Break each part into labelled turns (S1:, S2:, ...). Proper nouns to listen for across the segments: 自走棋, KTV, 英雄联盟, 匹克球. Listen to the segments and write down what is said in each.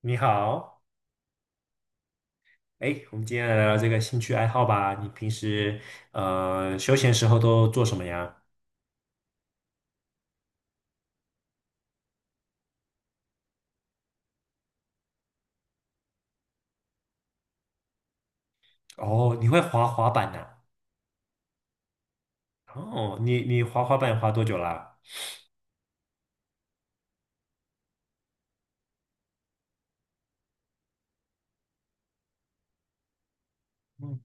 S1: 你好。哎，我们今天来聊聊这个兴趣爱好吧。你平时休闲时候都做什么呀？哦，你会滑滑板呐？哦，你滑滑板滑多久啦？嗯，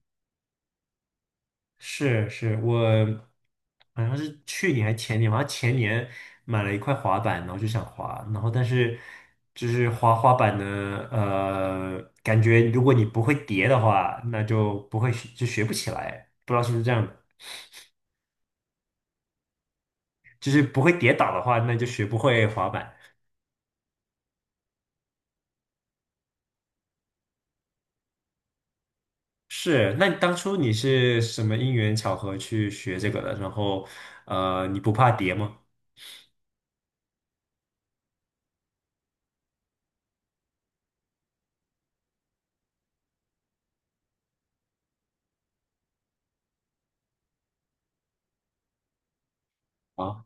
S1: 是，我好像是去年还前年，好像前年买了一块滑板，然后就想滑，然后但是就是滑滑板呢，感觉如果你不会叠的话，那就不会学就学不起来，不知道是不是这样的。就是不会跌倒的话，那就学不会滑板。是。那你当初你是什么因缘巧合去学这个的？然后，你不怕跌吗？啊，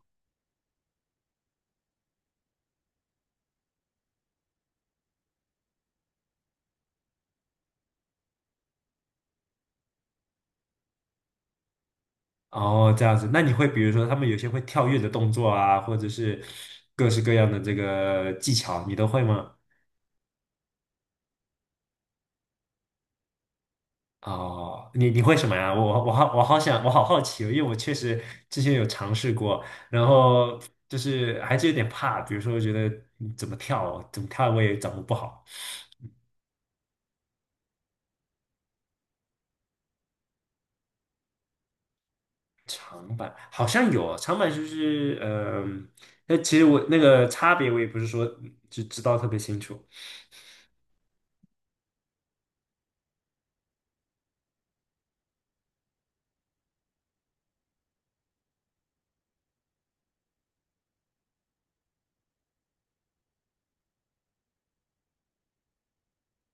S1: 哦，这样子。那你会比如说他们有些会跳跃的动作啊，或者是各式各样的这个技巧，你都会吗？哦，你会什么呀？我好奇哦，因为我确实之前有尝试过，然后就是还是有点怕，比如说觉得怎么跳哦，怎么跳我也掌握不好。长板好像有长板，就是嗯，那、其实我那个差别我也不是说就知道特别清楚。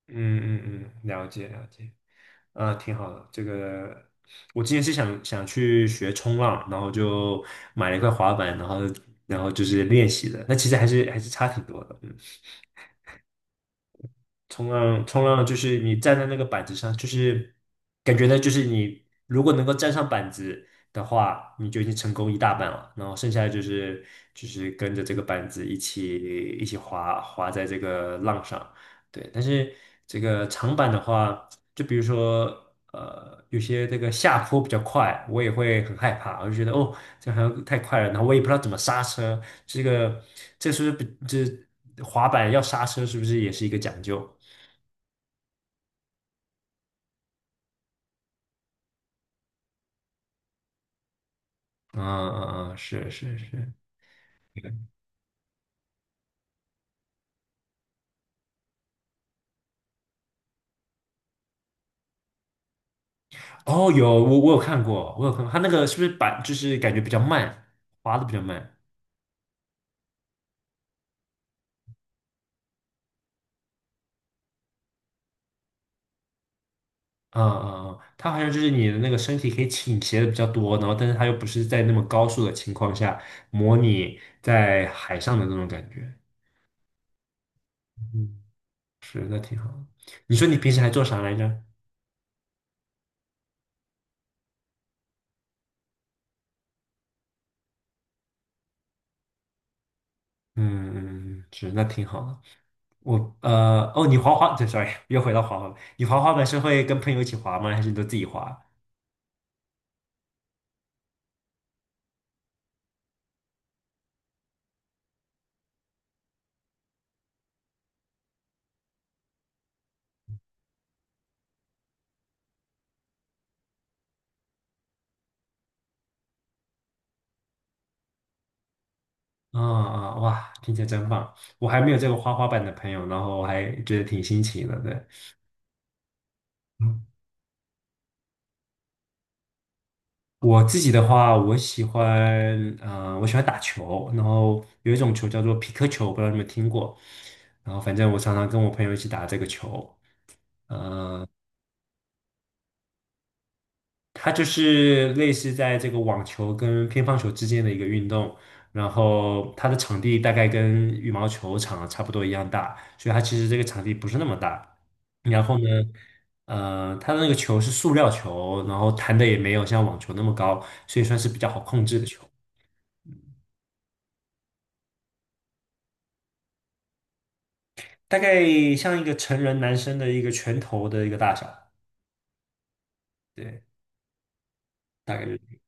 S1: 嗯，了解了解。啊，挺好的。这个我之前是想去学冲浪，然后就买了一块滑板，然后然后就是练习的。那其实还是还是差挺多的。嗯。冲浪，冲浪就是你站在那个板子上，就是感觉呢，就是你如果能够站上板子的话，你就已经成功一大半了。然后剩下的就是就是跟着这个板子一起滑在这个浪上。对，但是这个长板的话，就比如说有些这个下坡比较快，我也会很害怕，我就觉得哦，这好像太快了，然后我也不知道怎么刹车。这个这是不是比这滑板要刹车是不是也是一个讲究？嗯，是是是。哦，我有看过，我有看过，它那个是不是板就是感觉比较慢，滑的比较慢。嗯，它好像就是你的那个身体可以倾斜的比较多，然后但是它又不是在那么高速的情况下模拟在海上的那种感觉。嗯，是那挺好的。你说你平时还做啥来着？嗯嗯，嗯是那挺好的。我哦，你滑滑，对，sorry，又回到滑滑板，你滑滑板是会跟朋友一起滑吗？还是你都自己滑？啊啊，哇，听起来真棒！我还没有这个花花板的朋友，然后我还觉得挺新奇的。对。嗯，我自己的话，我喜欢，我喜欢打球，然后有一种球叫做匹克球，不知道你们听过。然后反正我常常跟我朋友一起打这个球。它就是类似在这个网球跟乒乓球之间的一个运动，然后它的场地大概跟羽毛球场啊差不多一样大，所以它其实这个场地不是那么大。然后呢，它的那个球是塑料球，然后弹的也没有像网球那么高，所以算是比较好控制的球。大概像一个成人男生的一个拳头的一个大小。对，大概就是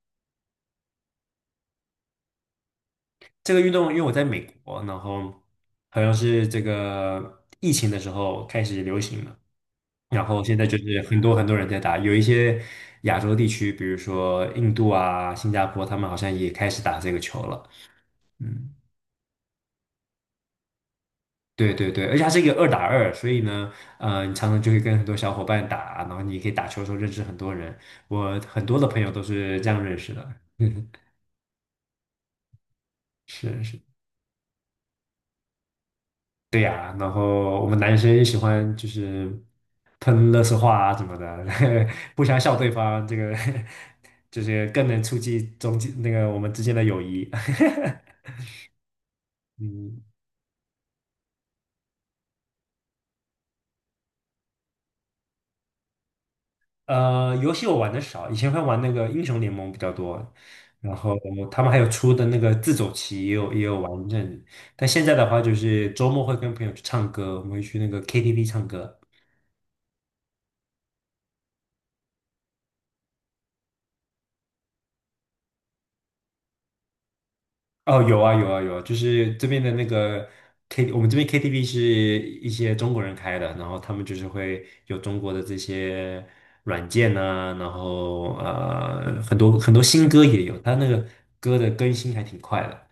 S1: 这个运动，因为我在美国，然后好像是这个疫情的时候开始流行的。然后现在就是很多很多人在打，有一些亚洲地区，比如说印度啊、新加坡，他们好像也开始打这个球了。嗯，对对对，而且它是一个二打二，所以呢，你常常就会跟很多小伙伴打，然后你可以打球的时候认识很多人。我很多的朋友都是这样认识的。是是。对呀，然后我们男生也喜欢就是喷垃圾话啊什么的，互相笑对方，这个 就是更能促进中间那个我们之间的友谊。嗯，游戏我玩的少，以前会玩那个英雄联盟比较多，然后他们还有出的那个自走棋也有也有玩一阵子。但现在的话就是周末会跟朋友去唱歌，我们会去那个 KTV 唱歌。哦，有啊，有啊，有啊，就是这边的那个 K，我们这边 KTV 是一些中国人开的，然后他们就是会有中国的这些软件呐、然后很多很多新歌也有，他那个歌的更新还挺快的。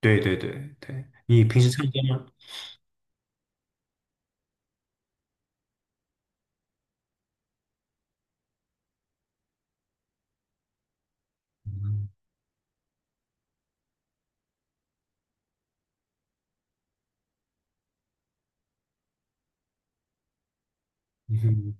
S1: 对对对对，你平时唱歌吗？嗯嗯。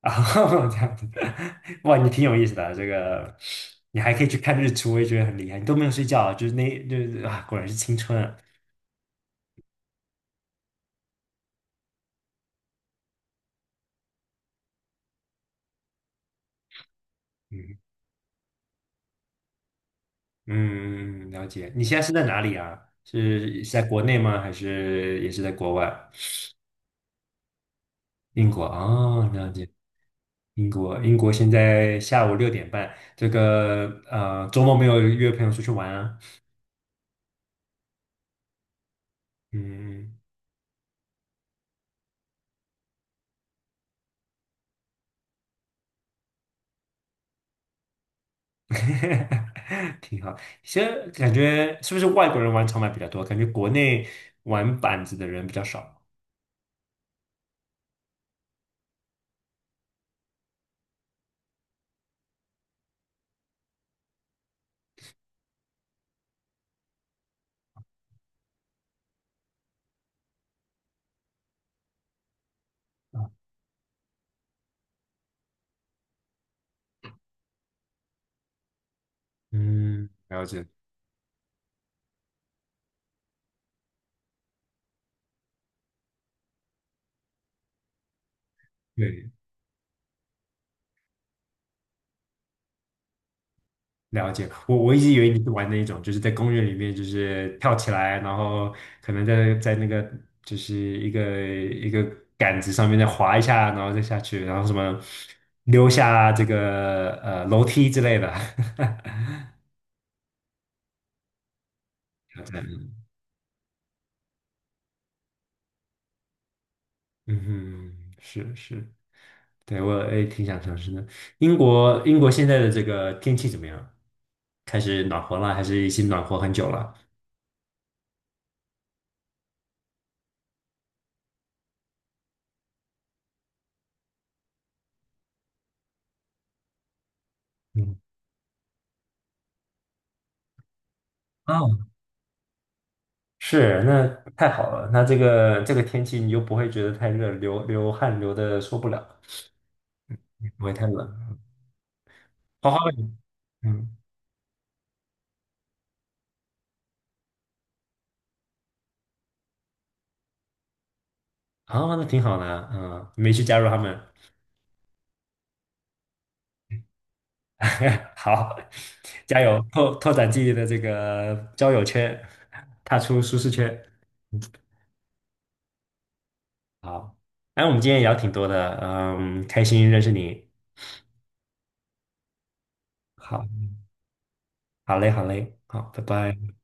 S1: 啊，这样子，哇，你挺有意思的啊这个你还可以去看日出，我也觉得很厉害。你都没有睡觉啊，就是那就是啊，果然是青春啊。嗯，了解。你现在是在哪里啊？是是在国内吗？还是也是在国外？英国啊，哦了解。英国，英国现在下午6:30。这个周末没有约朋友出去玩啊？嗯，挺好。其实感觉是不是外国人玩长板比较多？感觉国内玩板子的人比较少。嗯，了解。对，了解。我我一直以为你是玩那一种，就是在公园里面，就是跳起来，然后可能在在那个就是一个一个杆子上面再滑一下，然后再下去，然后什么溜下这个楼梯之类的。嗯哼，是是。对，我也挺想尝试的。英国英国现在的这个天气怎么样？开始暖和了，还是已经暖和很久了？嗯，是，那太好了。那这个这个天气，你就不会觉得太热，流流汗流的受不了，不会太冷。花花们，嗯。啊，那挺好的啊嗯，没去加入他们。好，加油，拓展自己的这个交友圈，踏出舒适圈。嗯。好，哎，我们今天也聊挺多的，嗯，开心认识你。好，好嘞，好嘞，好，拜拜。